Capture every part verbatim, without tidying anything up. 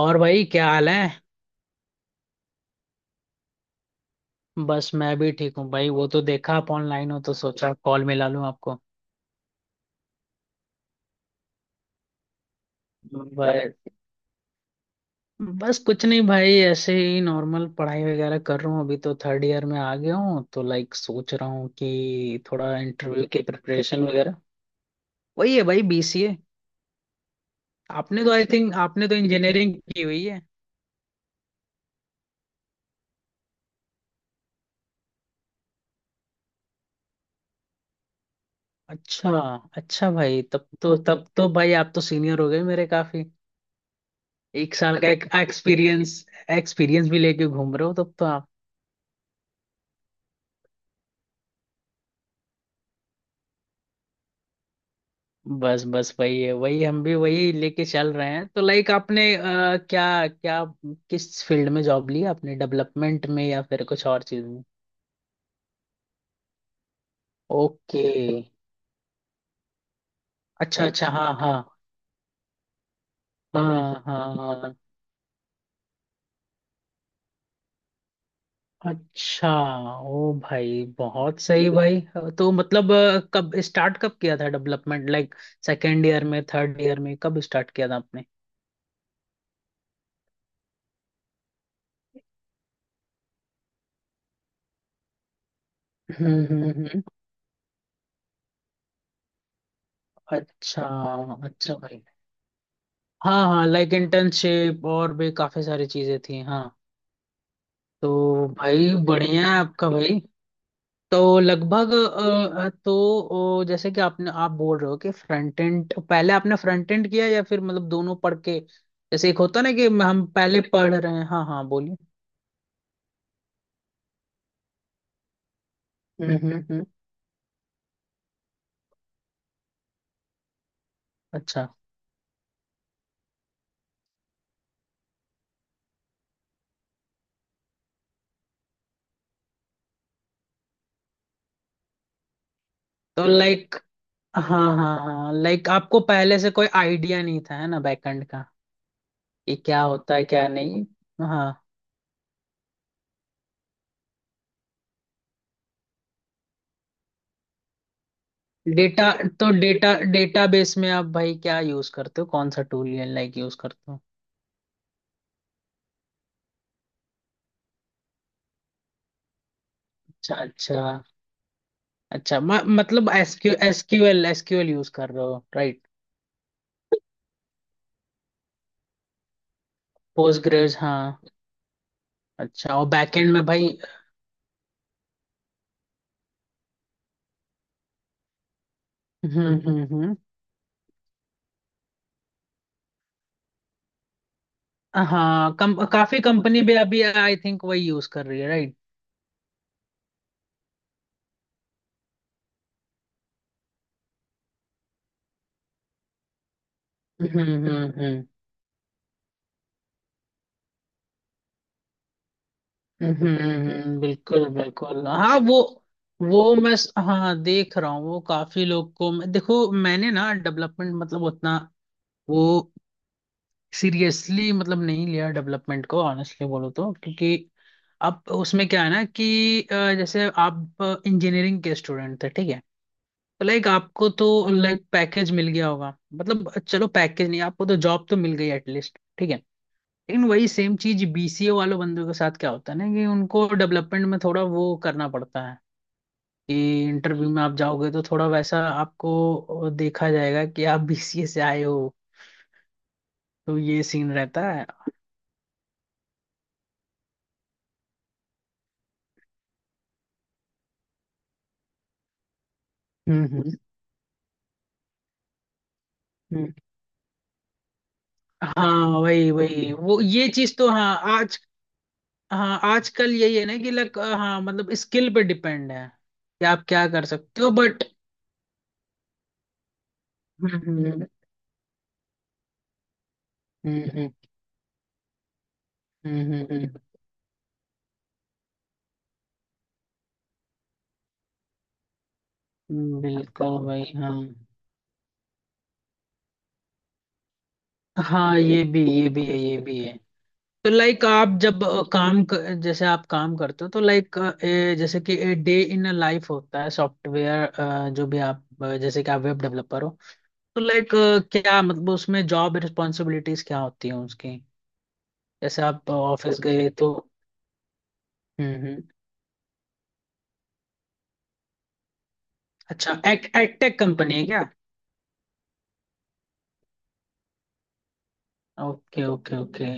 और भाई क्या हाल है। बस मैं भी ठीक हूँ भाई। वो तो देखा आप ऑनलाइन हो तो सोचा कॉल मिला लूँ आपको। बस बस कुछ नहीं भाई, ऐसे ही नॉर्मल पढ़ाई वगैरह कर रहा हूँ। अभी तो थर्ड ईयर में आ गया हूँ तो लाइक सोच रहा हूँ कि थोड़ा इंटरव्यू की प्रिपरेशन वगैरह। वही है भाई, बीसीए। आपने तो आई थिंक आपने तो इंजीनियरिंग की हुई है। अच्छा। अच्छा भाई, तब तो तब तो भाई आप तो सीनियर हो गए मेरे काफी। एक साल का एक एक्सपीरियंस एक्सपीरियंस भी लेके घूम रहे हो तब तो। बस बस वही है, वही हम भी वही लेके चल रहे हैं। तो लाइक आपने अ, क्या क्या किस फील्ड में जॉब ली आपने? डेवलपमेंट में या फिर कुछ और चीज में? ओके। अच्छा अच्छा, हाँ हाँ। हाँ हाँ। अच्छा। ओ भाई, बहुत सही भाई। तो मतलब अ, कब स्टार्ट कब किया था डेवलपमेंट, लाइक सेकेंड ईयर में, थर्ड ईयर में, कब स्टार्ट किया था आपने? हम्म, हम्म, हम्म, अच्छा। अच्छा भाई, हाँ हाँ, लाइक इंटर्नशिप और भी काफी सारी चीजें थी, हाँ। तो भाई बढ़िया है आपका भाई। तो लगभग अ, अ, तो अ, जैसे कि आपने आप बोल रहे हो कि फ्रंट एंड, पहले आपने फ्रंट एंड किया या फिर मतलब दोनों पढ़ के? जैसे एक होता ना कि हम पहले पढ़ रहे हैं, हाँ हाँ बोलिए। हम्म, हम्म, हम्म। अच्छा। तो लाइक हाँ हाँ। हाँ लाइक आपको पहले से कोई आइडिया नहीं था है ना, बैकएंड का कि क्या होता है क्या नहीं? हाँ। डेटा तो डेटा डेटाबेस में आप भाई क्या यूज करते हो, कौन सा टूल लाइक यूज करते हो? अच्छा अच्छा अच्छा। म, मतलब एसक्यू एसक्यूएल एसक्यूएल यूज कर रहे हो, राइट? पोस्टग्रेस, हाँ। अच्छा, और बैकएंड में भाई? हम्म, हम्म, हम्म। हाँ, कम, काफी कंपनी भी अभी आई थिंक वही यूज कर रही है, राइट? हम्म, हम्म, हम्म, हम्म, हम्म, बिल्कुल बिल्कुल, हाँ। वो वो मैं स- हाँ, देख रहा हूँ वो, काफी लोग को मैं- देखो, मैंने ना डेवलपमेंट मतलब उतना वो सीरियसली मतलब नहीं लिया डेवलपमेंट को, ऑनेस्टली बोलो तो। क्योंकि अब उसमें क्या है ना कि अ, जैसे आप इंजीनियरिंग के स्टूडेंट थे, ठीक है। तो लाइक आपको तो लाइक पैकेज मिल गया होगा, मतलब चलो पैकेज नहीं, आपको तो जॉब तो मिल गई एटलीस्ट, ठीक है। लेकिन वही सेम चीज बीसीए वालों बंदों के साथ क्या होता है ना कि उनको डेवलपमेंट में थोड़ा वो करना पड़ता है कि इंटरव्यू में आप जाओगे तो थोड़ा वैसा आपको देखा जाएगा कि आप बीसीए से आए हो। तो ये सीन रहता है। हम्म। हम्म। हाँ वही वही वो ये चीज तो, हाँ आज, हाँ आजकल यही है ना कि लग हाँ, मतलब स्किल पे डिपेंड है कि आप क्या कर सकते हो, बट हम्म, हम्म, हम्म, हम्म, बिल्कुल भाई, हाँ। हाँ, ये भी ये भी है, ये भी है। तो लाइक आप जब अ, काम क- जैसे आप काम करते हो तो लाइक, जैसे कि डे इन अ लाइफ होता है सॉफ्टवेयर, जो भी आप अ, जैसे कि आप वेब डेवलपर हो, तो लाइक क्या मतलब उसमें जॉब रिस्पॉन्सिबिलिटीज क्या होती हैं उसकी? जैसे आप ऑफिस गए तो? हम्म, हम्म। अच्छा, एड एडटेक कंपनी है क्या? Okay okay okay.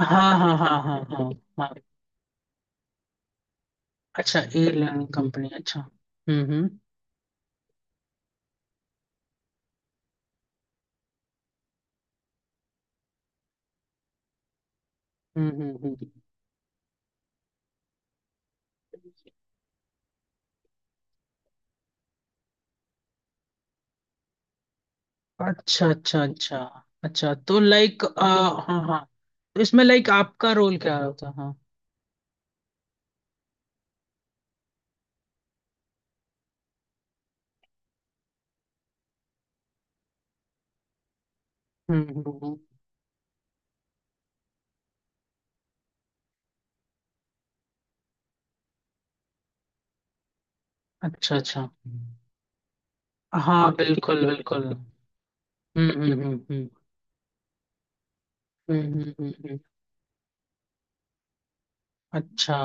हाँ हाँ हाँ, हाँ हाँ हाँ। अच्छा, ए लर्निंग कंपनी, अच्छा, हम्म, हम्म, हम्म, हम्म, हम्म, अच्छा अच्छा अच्छा। अच्छा, तो लाइक हाँ हाँ, तो इसमें लाइक आपका रोल क्या होता है? हाँ। हम्म, हम्म, हम्म। अच्छा अच्छा, हाँ बिल्कुल बिल्कुल। हम्म, हम्म, हम्म, हम्म, हम्म, हम्म, हम्म, हम्म। अच्छा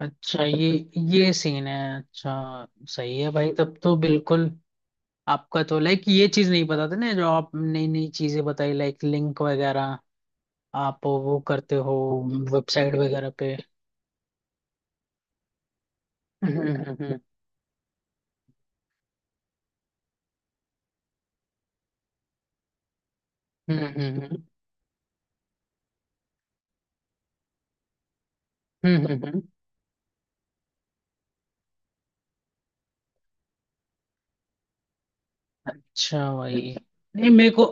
अच्छा, ये ये सीन है, अच्छा। सही है भाई, तब तो बिल्कुल। आपका तो लाइक ये चीज नहीं पता था ना, जो आप नई नई चीजें बताई लाइक लिंक वगैरह, आप वो करते हो वेबसाइट वगैरह पे? हम्म, हम्म, हम्म, हम्म, हम्म, हम्म, हम्म। अच्छा भाई, नहीं मेरे को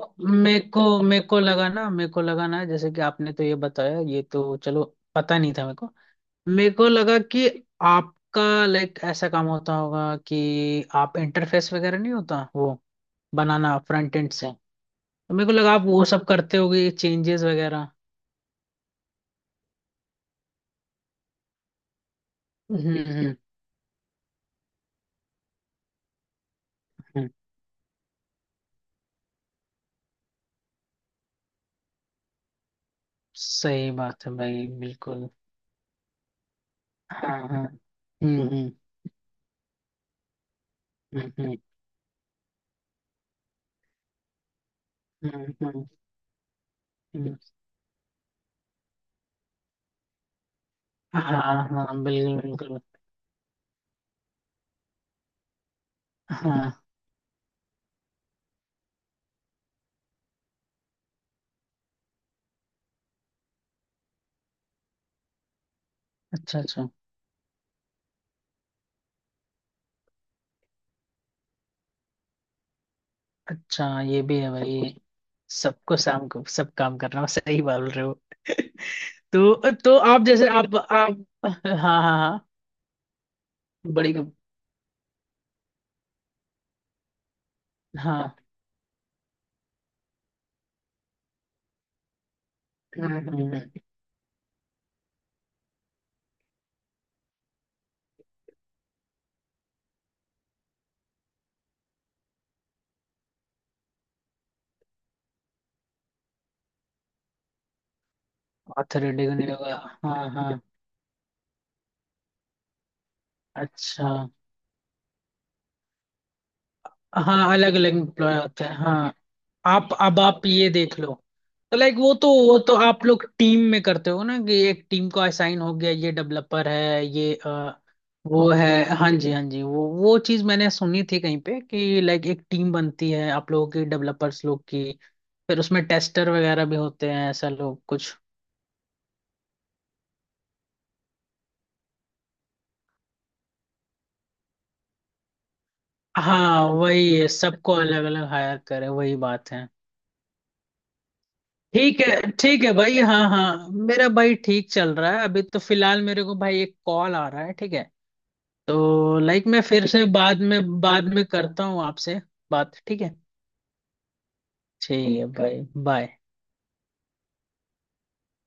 मेरे को मेरे को लगा ना, मेरे को लगा ना, जैसे कि आपने तो ये बताया, ये तो चलो पता नहीं था मेरे को। मेरे को लगा कि आपका लाइक ऐसा काम होता होगा कि आप इंटरफेस वगैरह नहीं होता वो बनाना फ्रंट एंड से। तो मेरे को लगा आप वो सब करते होगे, चेंजेस वगैरह। हम्म, हम्म, हम्म, सही बात है भाई बिल्कुल। हाँ हाँ। हम्म, हम्म, हम्म, हम्म, हम्म, हम्म, हम्म, हाँ हाँ, बिल्कुल बिल्कुल। हाँ। अच्छा अच्छा, अच्छा ये भी है भाई। सबको शाम को सब काम करना हो, सही बोल रहे हो। तो तो आप जैसे आप आप हाँ हाँ हाँ। बड़ी कंप- हाँ, ऑथर रेडिंग नहीं होगा, हाँ हाँ। अच्छा, हाँ, अलग अलग एम्प्लॉय होते हैं हाँ। आप, अब आप ये देख लो। तो लाइक वो तो वो तो आप लोग टीम में करते हो ना कि एक टीम को असाइन हो गया, ये डेवलपर है, ये वो है। हाँ जी, हाँ जी, वो वो चीज मैंने सुनी थी कहीं पे कि लाइक एक टीम बनती है आप लोगों की, डेवलपर्स लोग की। फिर उसमें टेस्टर वगैरह भी होते हैं ऐसा लोग कुछ। हाँ वही है, सबको अलग अलग हायर करें, वही बात है। ठीक है ठीक है भाई, हाँ हाँ, मेरा भाई ठीक चल रहा है। अभी तो फिलहाल मेरे को भाई एक कॉल आ रहा है, ठीक है। तो लाइक मैं फिर से बाद में बाद में करता हूँ आपसे बात, ठीक है। ठीक है भाई, बाय।